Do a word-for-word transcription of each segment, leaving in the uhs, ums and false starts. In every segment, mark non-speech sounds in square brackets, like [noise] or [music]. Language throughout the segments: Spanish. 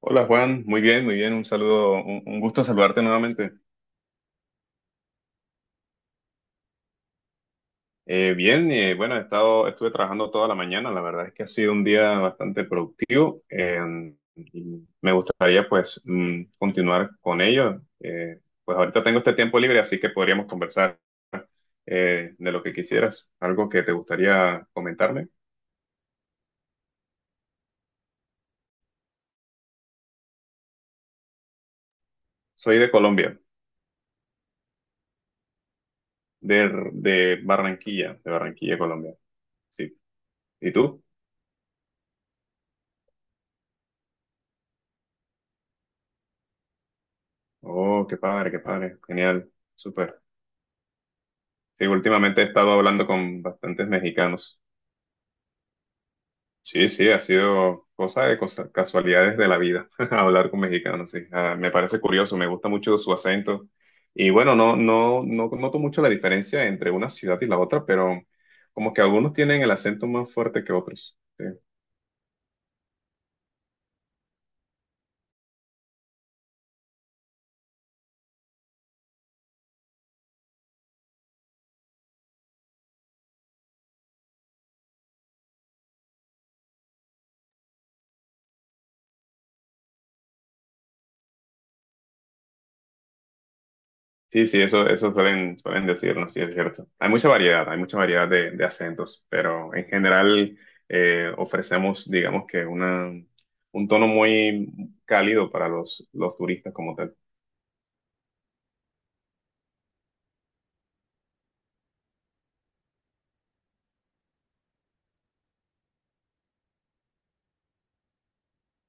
Hola Juan, muy bien, muy bien, un saludo, un, un gusto saludarte nuevamente. Eh, bien, eh, bueno, he estado, estuve trabajando toda la mañana, la verdad es que ha sido un día bastante productivo eh, y me gustaría pues mm, continuar con ello. Eh, pues ahorita tengo este tiempo libre, así que podríamos conversar eh, de lo que quisieras, algo que te gustaría comentarme. Soy de Colombia, de, de Barranquilla, de Barranquilla, Colombia. Sí. ¿Y tú? Oh, qué padre, qué padre, genial, súper. Sí, últimamente he estado hablando con bastantes mexicanos. Sí, sí, ha sido cosa de cosa- casualidades de la vida [laughs] hablar con mexicanos, sí. Ah, me parece curioso, me gusta mucho su acento. Y bueno, no, no, no noto mucho la diferencia entre una ciudad y la otra, pero como que algunos tienen el acento más fuerte que otros. Sí. Sí, sí, eso, eso suelen, suelen decirnos, sí, es cierto. Hay mucha variedad, hay mucha variedad de, de acentos, pero en general eh, ofrecemos, digamos que una, un tono muy cálido para los, los turistas como tal.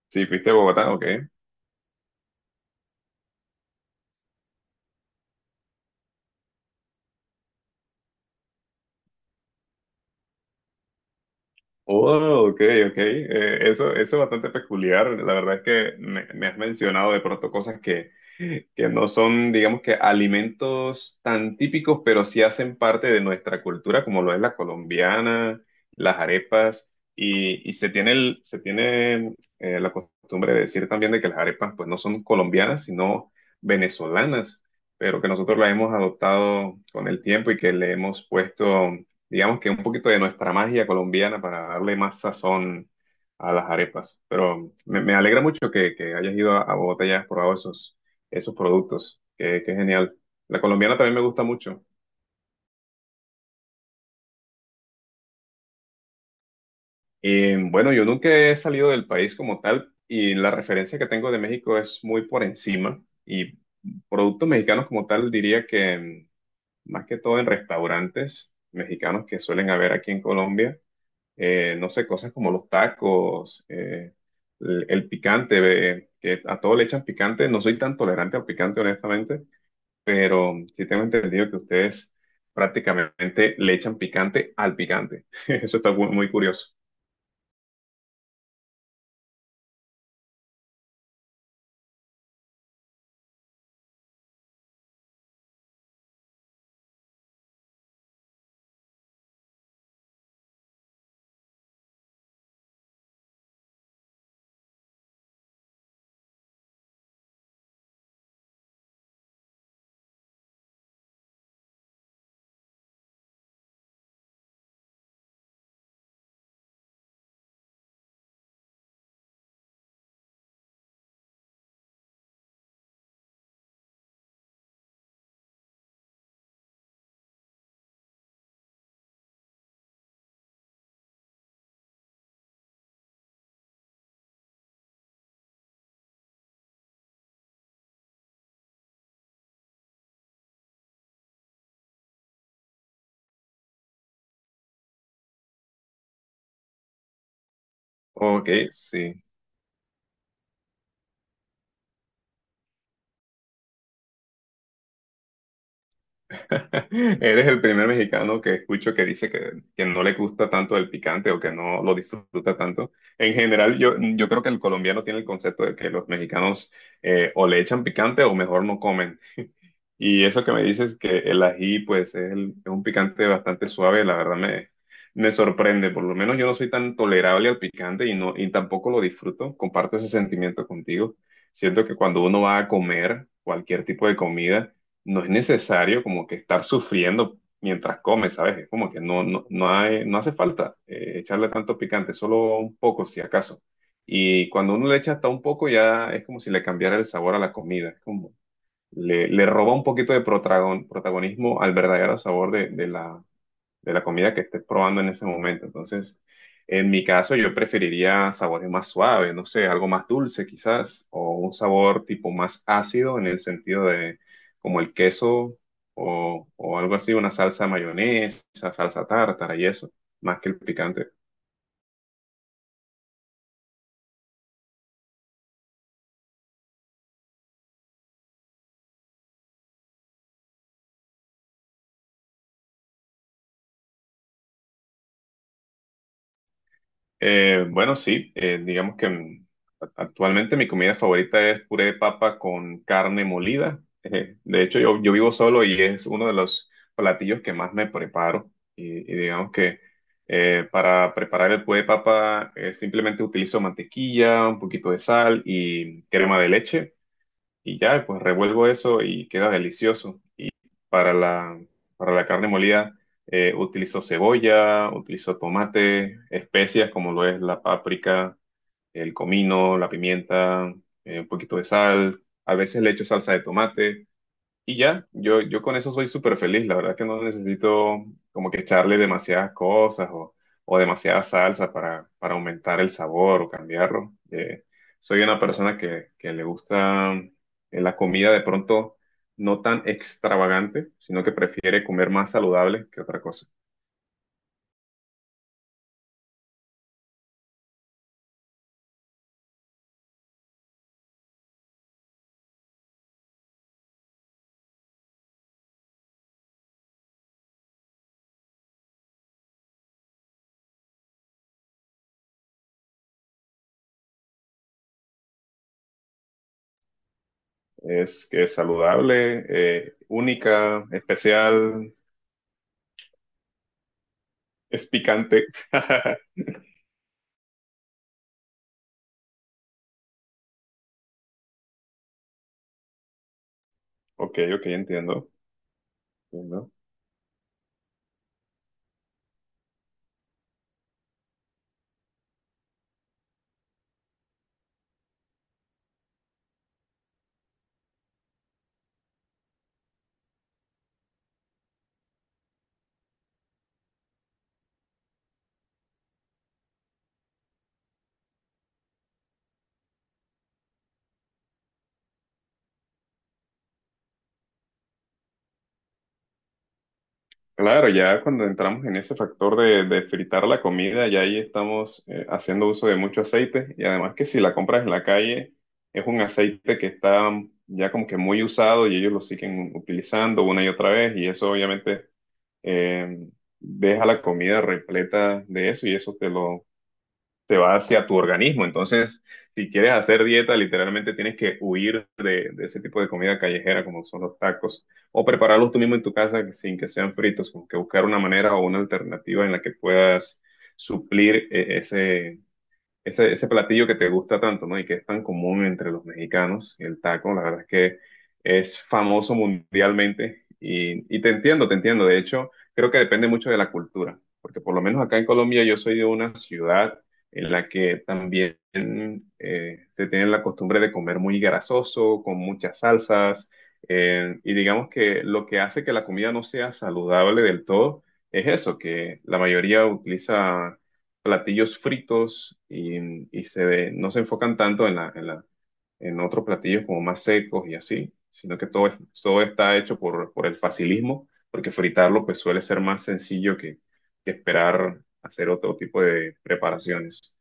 Sí, fuiste a Bogotá, ok. Oh, ok, ok. Eh, eso, eso es bastante peculiar. La verdad es que me, me has mencionado de pronto cosas que, que no son, digamos que, alimentos tan típicos, pero sí hacen parte de nuestra cultura, como lo es la colombiana, las arepas, y, y se tiene, el- se tiene eh, la costumbre de decir también de que las arepas, pues, no son colombianas, sino venezolanas, pero que nosotros las hemos adoptado con el tiempo y que le hemos puesto digamos que un poquito de nuestra magia colombiana para darle más sazón a las arepas. Pero me, me alegra mucho que, que hayas ido a, a Bogotá y hayas probado esos, esos productos. Qué, qué genial. La colombiana también me gusta mucho. Y bueno, yo nunca he salido del país como tal y la referencia que tengo de México es muy por encima. Y productos mexicanos como tal diría que mm, más que todo en restaurantes mexicanos que suelen haber aquí en Colombia. Eh, no sé, cosas como los tacos, eh, el, el picante, eh, que a todo le echan picante. No soy tan tolerante al picante, honestamente, pero sí tengo entendido que ustedes prácticamente le echan picante al picante. [laughs] Eso está muy muy curioso. Ok, sí. [laughs] Eres el primer mexicano que escucho que dice que, que no le gusta tanto el picante o que no lo disfruta tanto. En general, yo, yo creo que el colombiano tiene el concepto de que los mexicanos eh, o le echan picante o mejor no comen. Y eso que me dices que el ají, pues es, el- es un picante bastante suave, la verdad me, me sorprende. Por lo menos yo no soy tan tolerable al picante y, no, y tampoco lo disfruto. Comparto ese sentimiento contigo. Siento que cuando uno va a comer cualquier tipo de comida, no es necesario como que estar sufriendo mientras come, ¿sabes? Es como que no, no, no hay, no hace falta eh, echarle tanto picante, solo un poco si acaso. Y cuando uno le echa hasta un poco, ya es como si le cambiara el sabor a la comida. Es como le, le roba un poquito de protagon- protagonismo al verdadero sabor de, de la, de la comida que estés probando en ese momento. Entonces, en mi caso, yo preferiría sabores más suaves, no sé, algo más dulce quizás, o un sabor tipo más ácido en el sentido de como el queso o, o algo así, una salsa mayonesa, salsa tártara y eso, más que el picante. Eh, bueno, sí, eh, digamos que mm, a- actualmente mi comida favorita es puré de papa con carne molida. Eh, de hecho, yo, yo vivo solo y es uno de los platillos que más me preparo. Y, y digamos que eh, para preparar el puré de papa eh, simplemente utilizo mantequilla, un poquito de sal y crema de leche y ya, pues revuelvo eso y queda delicioso para la, para la carne molida eh, utilizo cebolla, utilizo tomate, especias como lo es la páprica, el comino, la pimienta, eh, un poquito de sal. A veces le echo salsa de tomate. Y ya, yo, yo con eso soy súper feliz. La verdad que no necesito como que echarle demasiadas cosas o, o demasiada salsa para, para aumentar el sabor o cambiarlo. Eh, soy una persona que, que le gusta eh, la comida de pronto no tan extravagante, sino que prefiere comer más saludable que otra cosa. Es que es saludable, eh, única, especial, es picante. [laughs] Ok, ok, entiendo. Entiendo. Claro, ya cuando entramos en ese factor de, de fritar la comida, ya ahí estamos eh, haciendo uso de mucho aceite y además que si la compras en la calle es un aceite que está ya como que muy usado y ellos lo siguen utilizando una y otra vez y eso obviamente eh, deja la comida repleta de eso y eso te lo se va hacia tu organismo. Entonces, si quieres hacer dieta, literalmente tienes que huir de, de ese tipo de comida callejera como son los tacos o prepararlos tú mismo en tu casa sin que sean fritos, como que buscar una manera o una alternativa en la que puedas suplir eh, ese, ese, ese platillo que te gusta tanto, ¿no? Y que es tan común entre los mexicanos, el taco, la verdad es que es famoso mundialmente y, y te entiendo, te entiendo. De hecho, creo que depende mucho de la cultura, porque por lo menos acá en Colombia yo soy de una ciudad en la que también eh, se tiene la costumbre de comer muy grasoso, con muchas salsas, eh, y digamos que lo que hace que la comida no sea saludable del todo es eso, que la mayoría utiliza platillos fritos y, y se ve, no se enfocan tanto en la, en la, en otros platillos como más secos y así, sino que todo, es- todo está hecho por, por el facilismo, porque fritarlo pues suele ser más sencillo que, que esperar hacer otro tipo de preparaciones.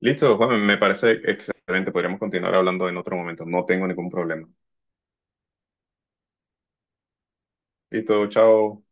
Listo, Juan, me parece excelente. Podríamos continuar hablando en otro momento. No tengo ningún problema. Listo, chao.